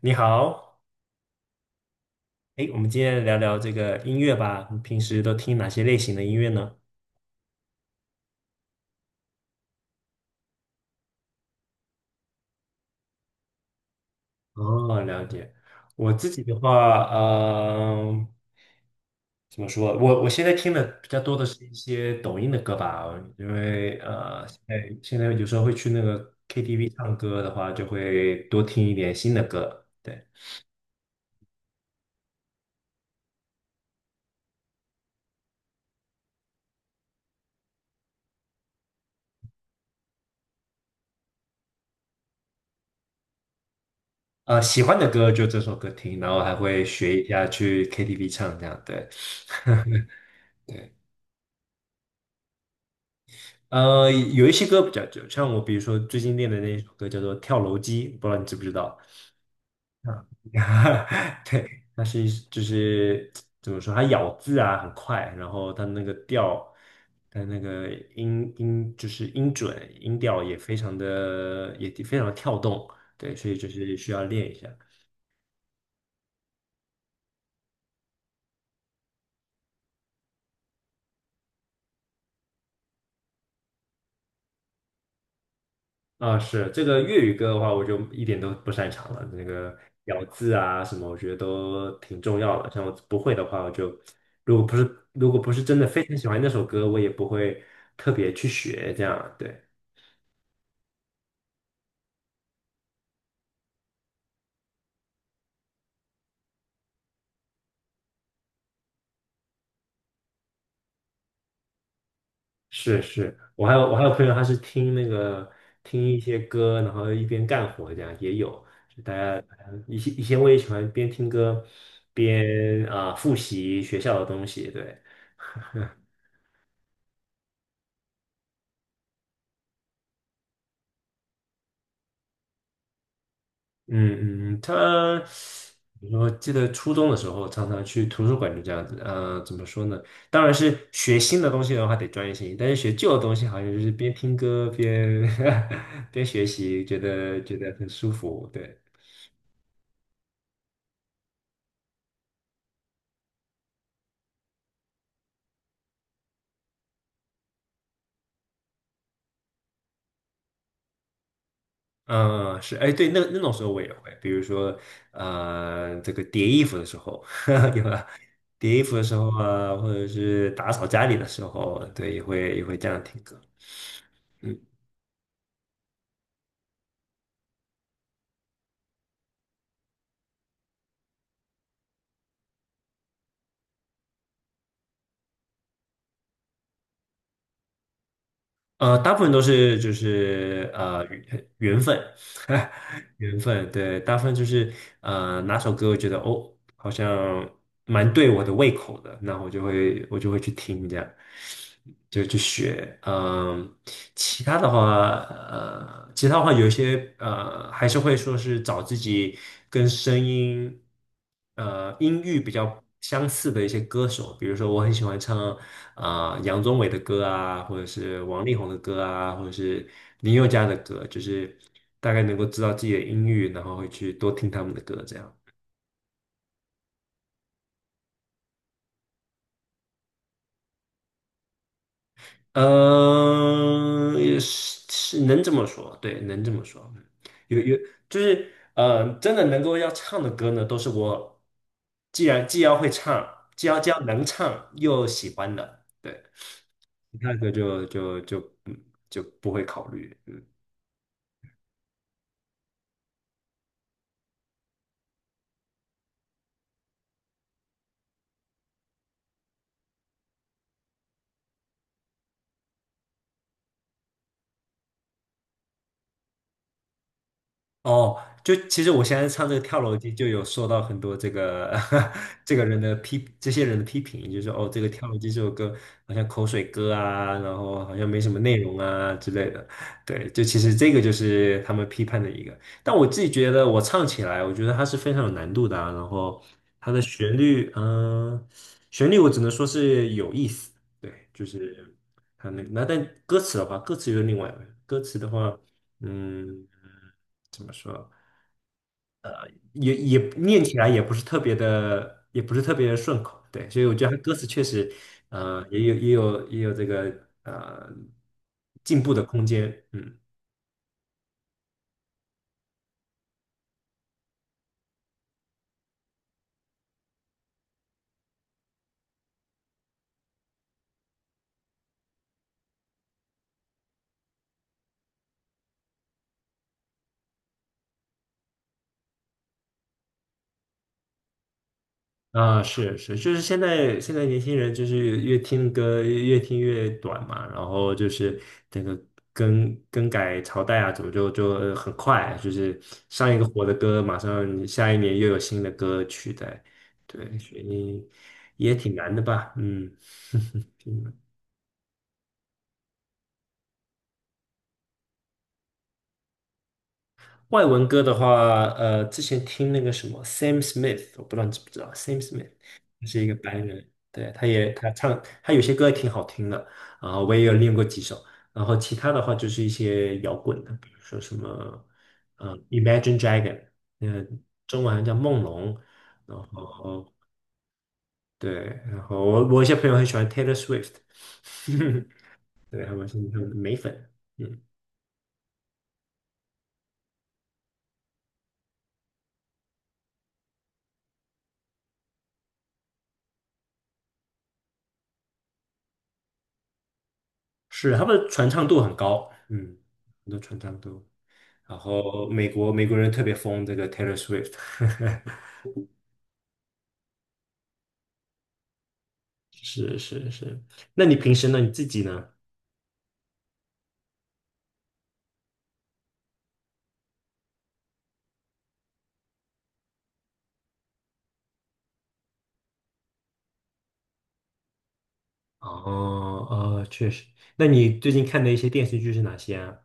你好，哎，我们今天聊聊这个音乐吧。你平时都听哪些类型的音乐呢？哦，了解。我自己的话，嗯，怎么说？我现在听的比较多的是一些抖音的歌吧，因为现在有时候会去那个 KTV 唱歌的话，就会多听一点新的歌。对，喜欢的歌就这首歌听，然后还会学一下去 KTV 唱这样。对，有一些歌比较久，像我比如说最近练的那一首歌叫做《跳楼机》，不知道你知不知道？啊 对，它是一就是怎么说，它咬字啊很快，然后它那个调，它那个音就是音准音调也非常的跳动，对，所以就是需要练一下。啊，是这个粤语歌的话，我就一点都不擅长了。那个咬字啊什么，我觉得都挺重要的。像我不会的话，我就如果不是真的非常喜欢那首歌，我也不会特别去学。这样，对，是是。我还有朋友，他是听那个听一些歌，然后一边干活，这样也有。就大家以前我也喜欢边听歌边啊、复习学校的东西，对。嗯嗯，他，我记得初中的时候常常去图书馆，就这样子。怎么说呢？当然是学新的东西的话得专业性，但是学旧的东西好像就是边听歌边 边学习，觉得很舒服。对，嗯，是，哎，对，那那种时候我也会，比如说这个叠衣服的时候，对吧？叠衣服的时候啊，或者是打扫家里的时候，对，也会这样听歌。嗯。大部分都是就是缘分，缘分，对，大部分就是哪首歌我觉得哦好像蛮对我的胃口的，那我就会去听这样，就去学，嗯、其他的话，其他的话有一些，还是会说是找自己跟声音，音域比较相似的一些歌手，比如说我很喜欢唱啊、杨宗纬的歌啊，或者是王力宏的歌啊，或者是林宥嘉的歌，就是大概能够知道自己的音域，然后会去多听他们的歌，这样。嗯，也是是能这么说，对，能这么说。嗯有就是真的能够要唱的歌呢，都是我既然既要会唱，既要能唱又喜欢的，对，其他歌就嗯就不会考虑。嗯。哦，就其实我现在唱这个跳楼机，就有受到很多这个 这个人的批，这些人的批评，就是说哦，这个跳楼机这首歌好像口水歌啊，然后好像没什么内容啊之类的。对，就其实这个就是他们批判的一个。但我自己觉得我唱起来，我觉得它是非常有难度的啊。然后它的旋律，嗯、旋律我只能说是有意思。对，就是它那但歌词的话，歌词又是另外一回事歌词的话，嗯。怎么说，也念起来也不是特别的，也不是特别的顺口，对，所以我觉得他歌词确实，也有这个进步的空间，嗯。啊，是是，就是现在年轻人就是越听歌越听越短嘛，然后就是这个更改朝代啊，怎么很快，就是上一个火的歌，马上下一年又有新的歌取代，对，所以也挺难的吧，嗯，挺难外文歌的话，之前听那个什么 Sam Smith，我不知道你知不知道 Sam Smith，他是一个白人，对，他唱他有些歌也挺好听的，啊，我也有练过几首，然后其他的话就是一些摇滚的，比如说什么，Imagine Dragon，嗯、中文好像叫梦龙，然后对，然后我一些朋友很喜欢 Taylor Swift，对，他们是他们的美粉，嗯，是他们的传唱度很高，嗯，很多传唱度。然后美国人特别疯这个 Taylor Swift，是是是。那你平时呢？你自己呢？哦哦，确实。那你最近看的一些电视剧是哪些啊？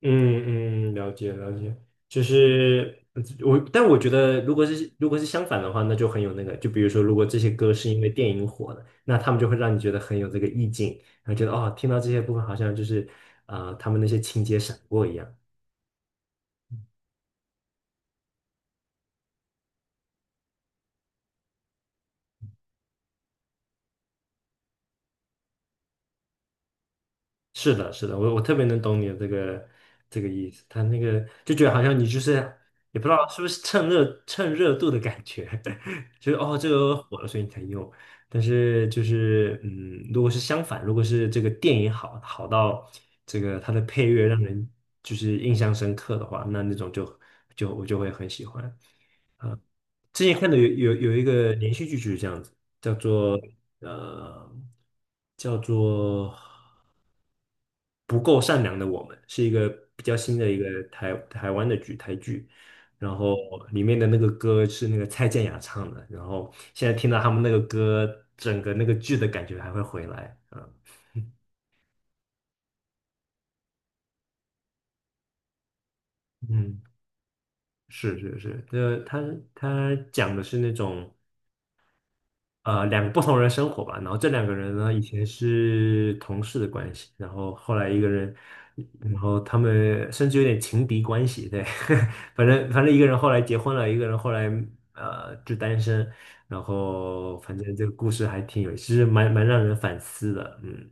嗯嗯，了解了解，就是我，但我觉得如果是相反的话，那就很有那个，就比如说，如果这些歌是因为电影火的，那他们就会让你觉得很有这个意境，然后觉得哦，听到这些部分好像就是他们那些情节闪过一样。是的，是的，我特别能懂你的这个意思，他那个就觉得好像你就是也不知道是不是趁热度的感觉，就是哦这个火了所以你才用，但是就是嗯，如果是相反，如果是这个电影好到这个它的配乐让人就是印象深刻的话，那那种就我就会很喜欢。之前看的有一个连续剧就是这样子，叫做呃叫做。不够善良的我们》，是一个比较新的一个台湾的剧台剧，然后里面的那个歌是那个蔡健雅唱的，然后现在听到他们那个歌，整个那个剧的感觉还会回来，嗯嗯，是是是，他讲的是那种。两个不同人生活吧，然后这两个人呢以前是同事的关系，然后后来一个人，然后他们甚至有点情敌关系，对，反正一个人后来结婚了，一个人后来就单身，然后反正这个故事还挺有，其实蛮让人反思的，嗯，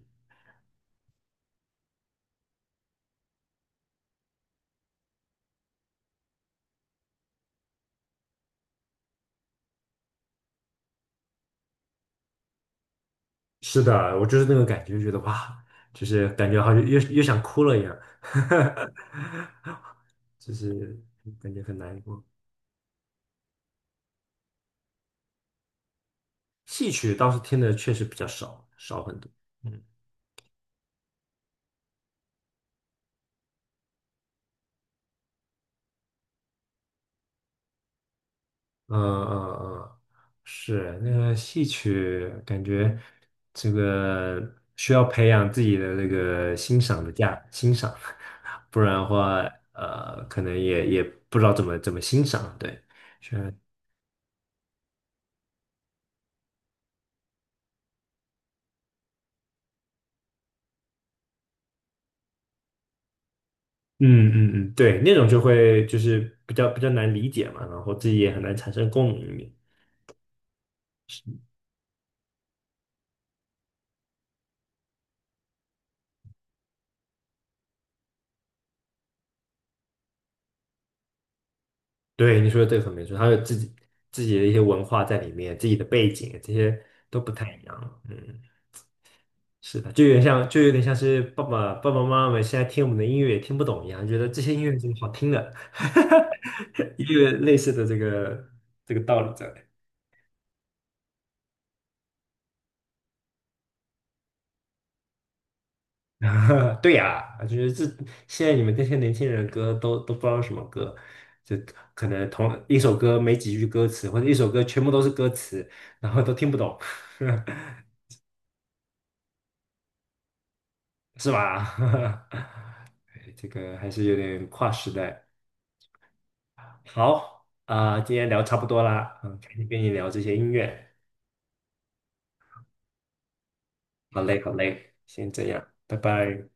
是的，我就是那个感觉，觉得哇，就是感觉好像又想哭了一样，就是感觉很难过。戏曲倒是听的确实比较少，少很多。嗯嗯嗯嗯，是那个戏曲，感觉这个需要培养自己的那个欣赏，不然的话，可能也不知道怎么欣赏。对，是，嗯嗯嗯，对，那种就会就是比较难理解嘛，然后自己也很难产生共鸣。对，你说的这个很没错，他有自己的一些文化在里面，自己的背景这些都不太一样。嗯，是的，就有点像是爸爸妈妈们现在听我们的音乐也听不懂一样，觉得这些音乐怎么好听的，也有类似的这个道理在。对呀，就是这现在你们这些年轻人的歌都不知道是什么歌，就可能同一首歌没几句歌词，或者一首歌全部都是歌词，然后都听不懂，是吧？这个还是有点跨时代。好啊，今天聊差不多啦，嗯，赶紧跟你聊这些音乐。好嘞，好嘞，先这样，拜拜。